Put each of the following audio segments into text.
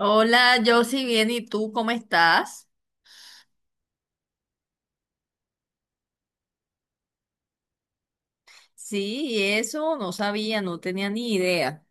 Hola, yo sí bien, ¿y tú cómo estás? Sí, y eso no sabía, no tenía ni idea.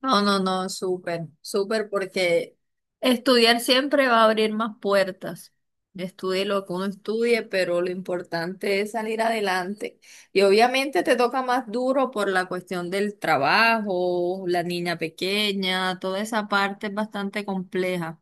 No, no, no, súper, súper, porque estudiar siempre va a abrir más puertas. Estudie lo que uno estudie, pero lo importante es salir adelante. Y obviamente te toca más duro por la cuestión del trabajo, la niña pequeña, toda esa parte es bastante compleja.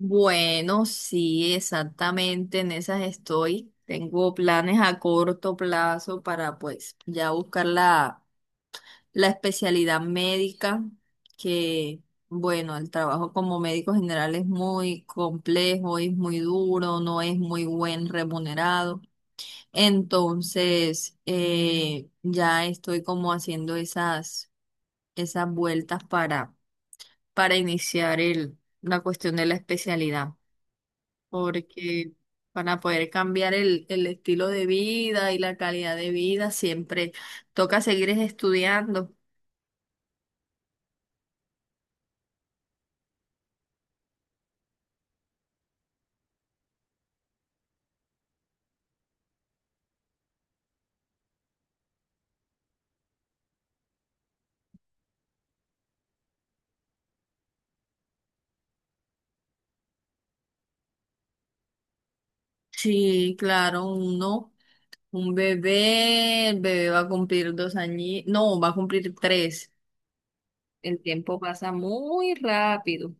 Bueno, sí, exactamente, en esas estoy. Tengo planes a corto plazo para pues ya buscar la especialidad médica, que bueno, el trabajo como médico general es muy complejo, es muy duro, no es muy buen remunerado. Entonces, ya estoy como haciendo esas vueltas para iniciar el, la cuestión de la especialidad porque para poder cambiar el estilo de vida y la calidad de vida siempre toca seguir es estudiando. Sí, claro, uno, un bebé, el bebé va a cumplir 2 años, no, va a cumplir tres. El tiempo pasa muy rápido.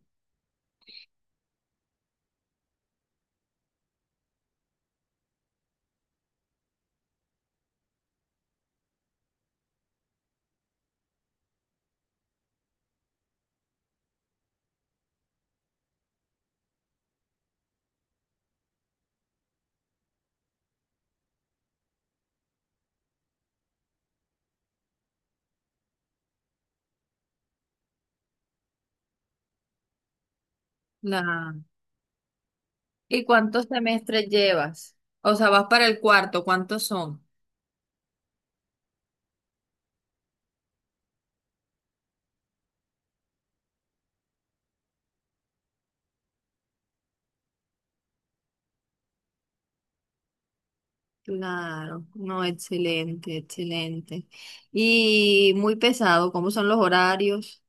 La... ¿Y cuántos semestres llevas? O sea, vas para el cuarto, ¿cuántos son? Claro, no, excelente, excelente. Y muy pesado, ¿cómo son los horarios?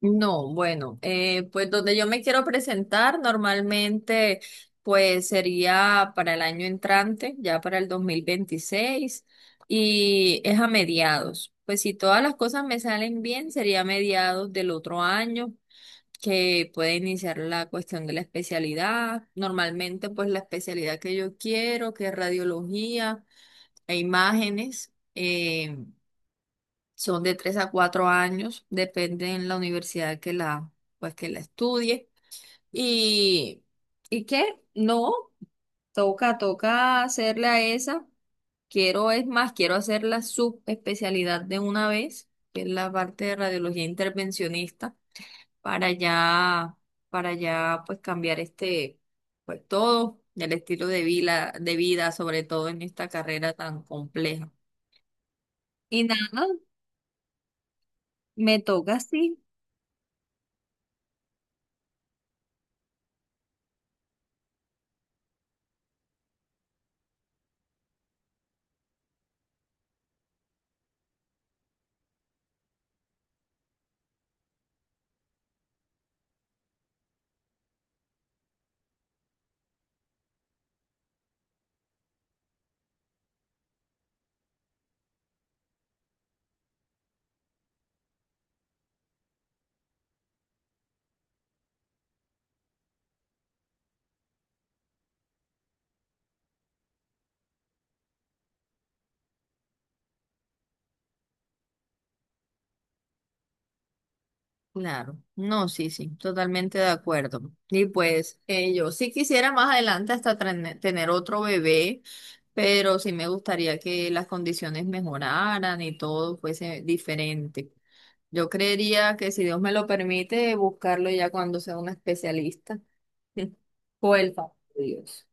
No, bueno, pues donde yo me quiero presentar normalmente, pues sería para el año entrante, ya para el 2026 y es a mediados. Pues si todas las cosas me salen bien, sería a mediados del otro año que puede iniciar la cuestión de la especialidad. Normalmente, pues la especialidad que yo quiero, que es radiología e imágenes. Son de 3 a 4 años, depende en la universidad que la, pues que la estudie. Y, y qué no, toca, toca hacerle a esa. Quiero, es más, quiero hacer la subespecialidad de una vez, que es la parte de radiología intervencionista, para ya, para ya pues cambiar este, pues todo, el estilo de vida, sobre todo en esta carrera tan compleja. Y nada, me toca así. Claro, no, sí, sí, totalmente de acuerdo. Y pues yo sí quisiera más adelante hasta tener otro bebé, pero sí me gustaría que las condiciones mejoraran y todo fuese diferente. Yo creería que si Dios me lo permite, buscarlo ya cuando sea un especialista. O el favor de Dios.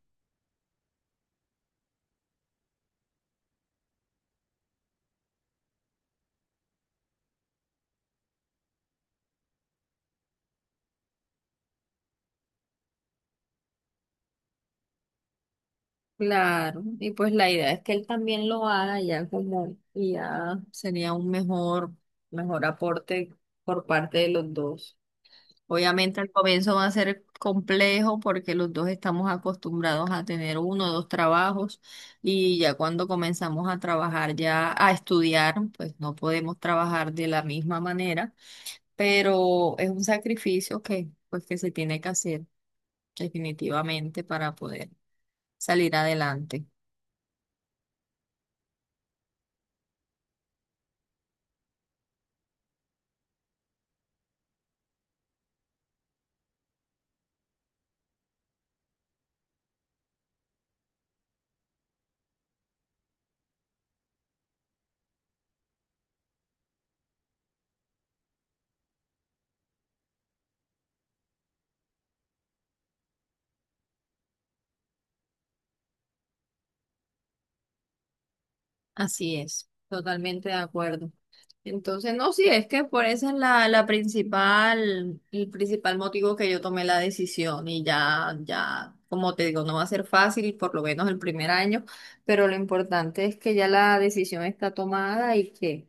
Claro, y pues la idea es que él también lo haga ya como, y ya sería un mejor aporte por parte de los dos. Obviamente al comienzo va a ser complejo porque los dos estamos acostumbrados a tener uno o dos trabajos y ya cuando comenzamos a trabajar, ya a estudiar, pues no podemos trabajar de la misma manera, pero es un sacrificio que pues que se tiene que hacer definitivamente para poder salir adelante. Así es, totalmente de acuerdo. Entonces, no, sí, es que por esa es la principal, el principal motivo que yo tomé la decisión y ya, ya, como te digo, no va a ser fácil, por lo menos el primer año, pero lo importante es que ya la decisión está tomada y que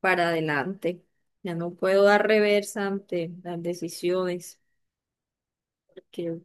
para adelante. Ya no puedo dar reversa ante las decisiones, porque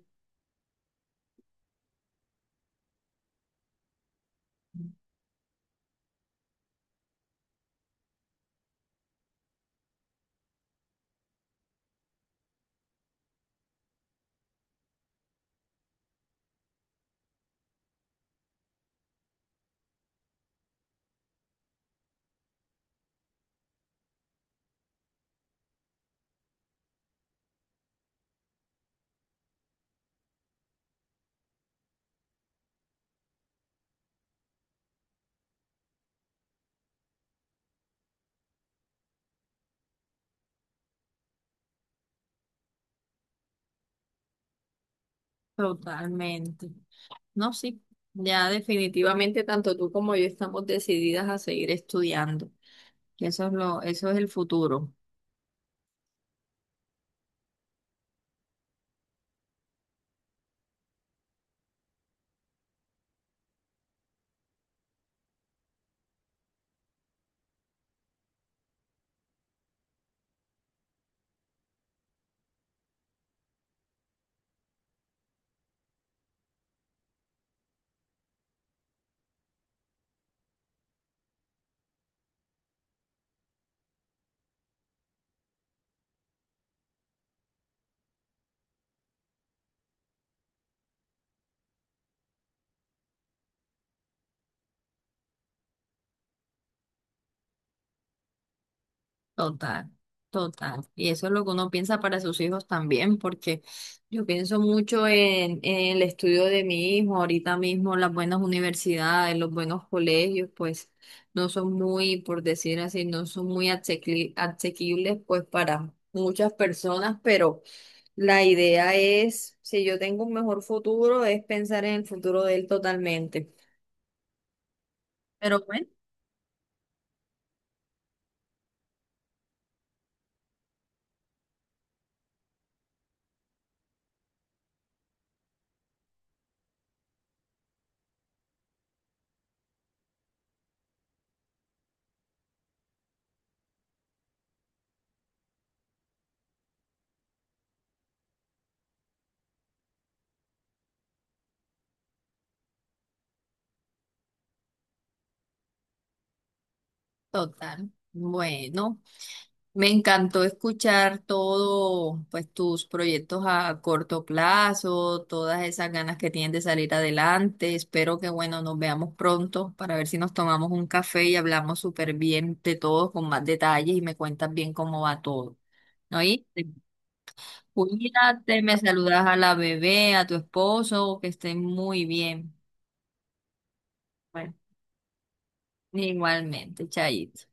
totalmente. No, sí, ya definitivamente tanto tú como yo estamos decididas a seguir estudiando. Y eso es lo, eso es el futuro. Total, total. Y eso es lo que uno piensa para sus hijos también, porque yo pienso mucho en el estudio de mi hijo, ahorita mismo las buenas universidades, los buenos colegios, pues no son muy, por decir así, no son muy asequibles pues para muchas personas, pero la idea es, si yo tengo un mejor futuro, es pensar en el futuro de él totalmente. Pero bueno, total. Bueno. Me encantó escuchar todo, pues tus proyectos a corto plazo, todas esas ganas que tienes de salir adelante. Espero que, bueno, nos veamos pronto para ver si nos tomamos un café y hablamos súper bien de todo con más detalles y me cuentas bien cómo va todo. ¿No? Y cuídate, me saludas a la bebé, a tu esposo, que estén muy bien. Bueno, igualmente, Chayito.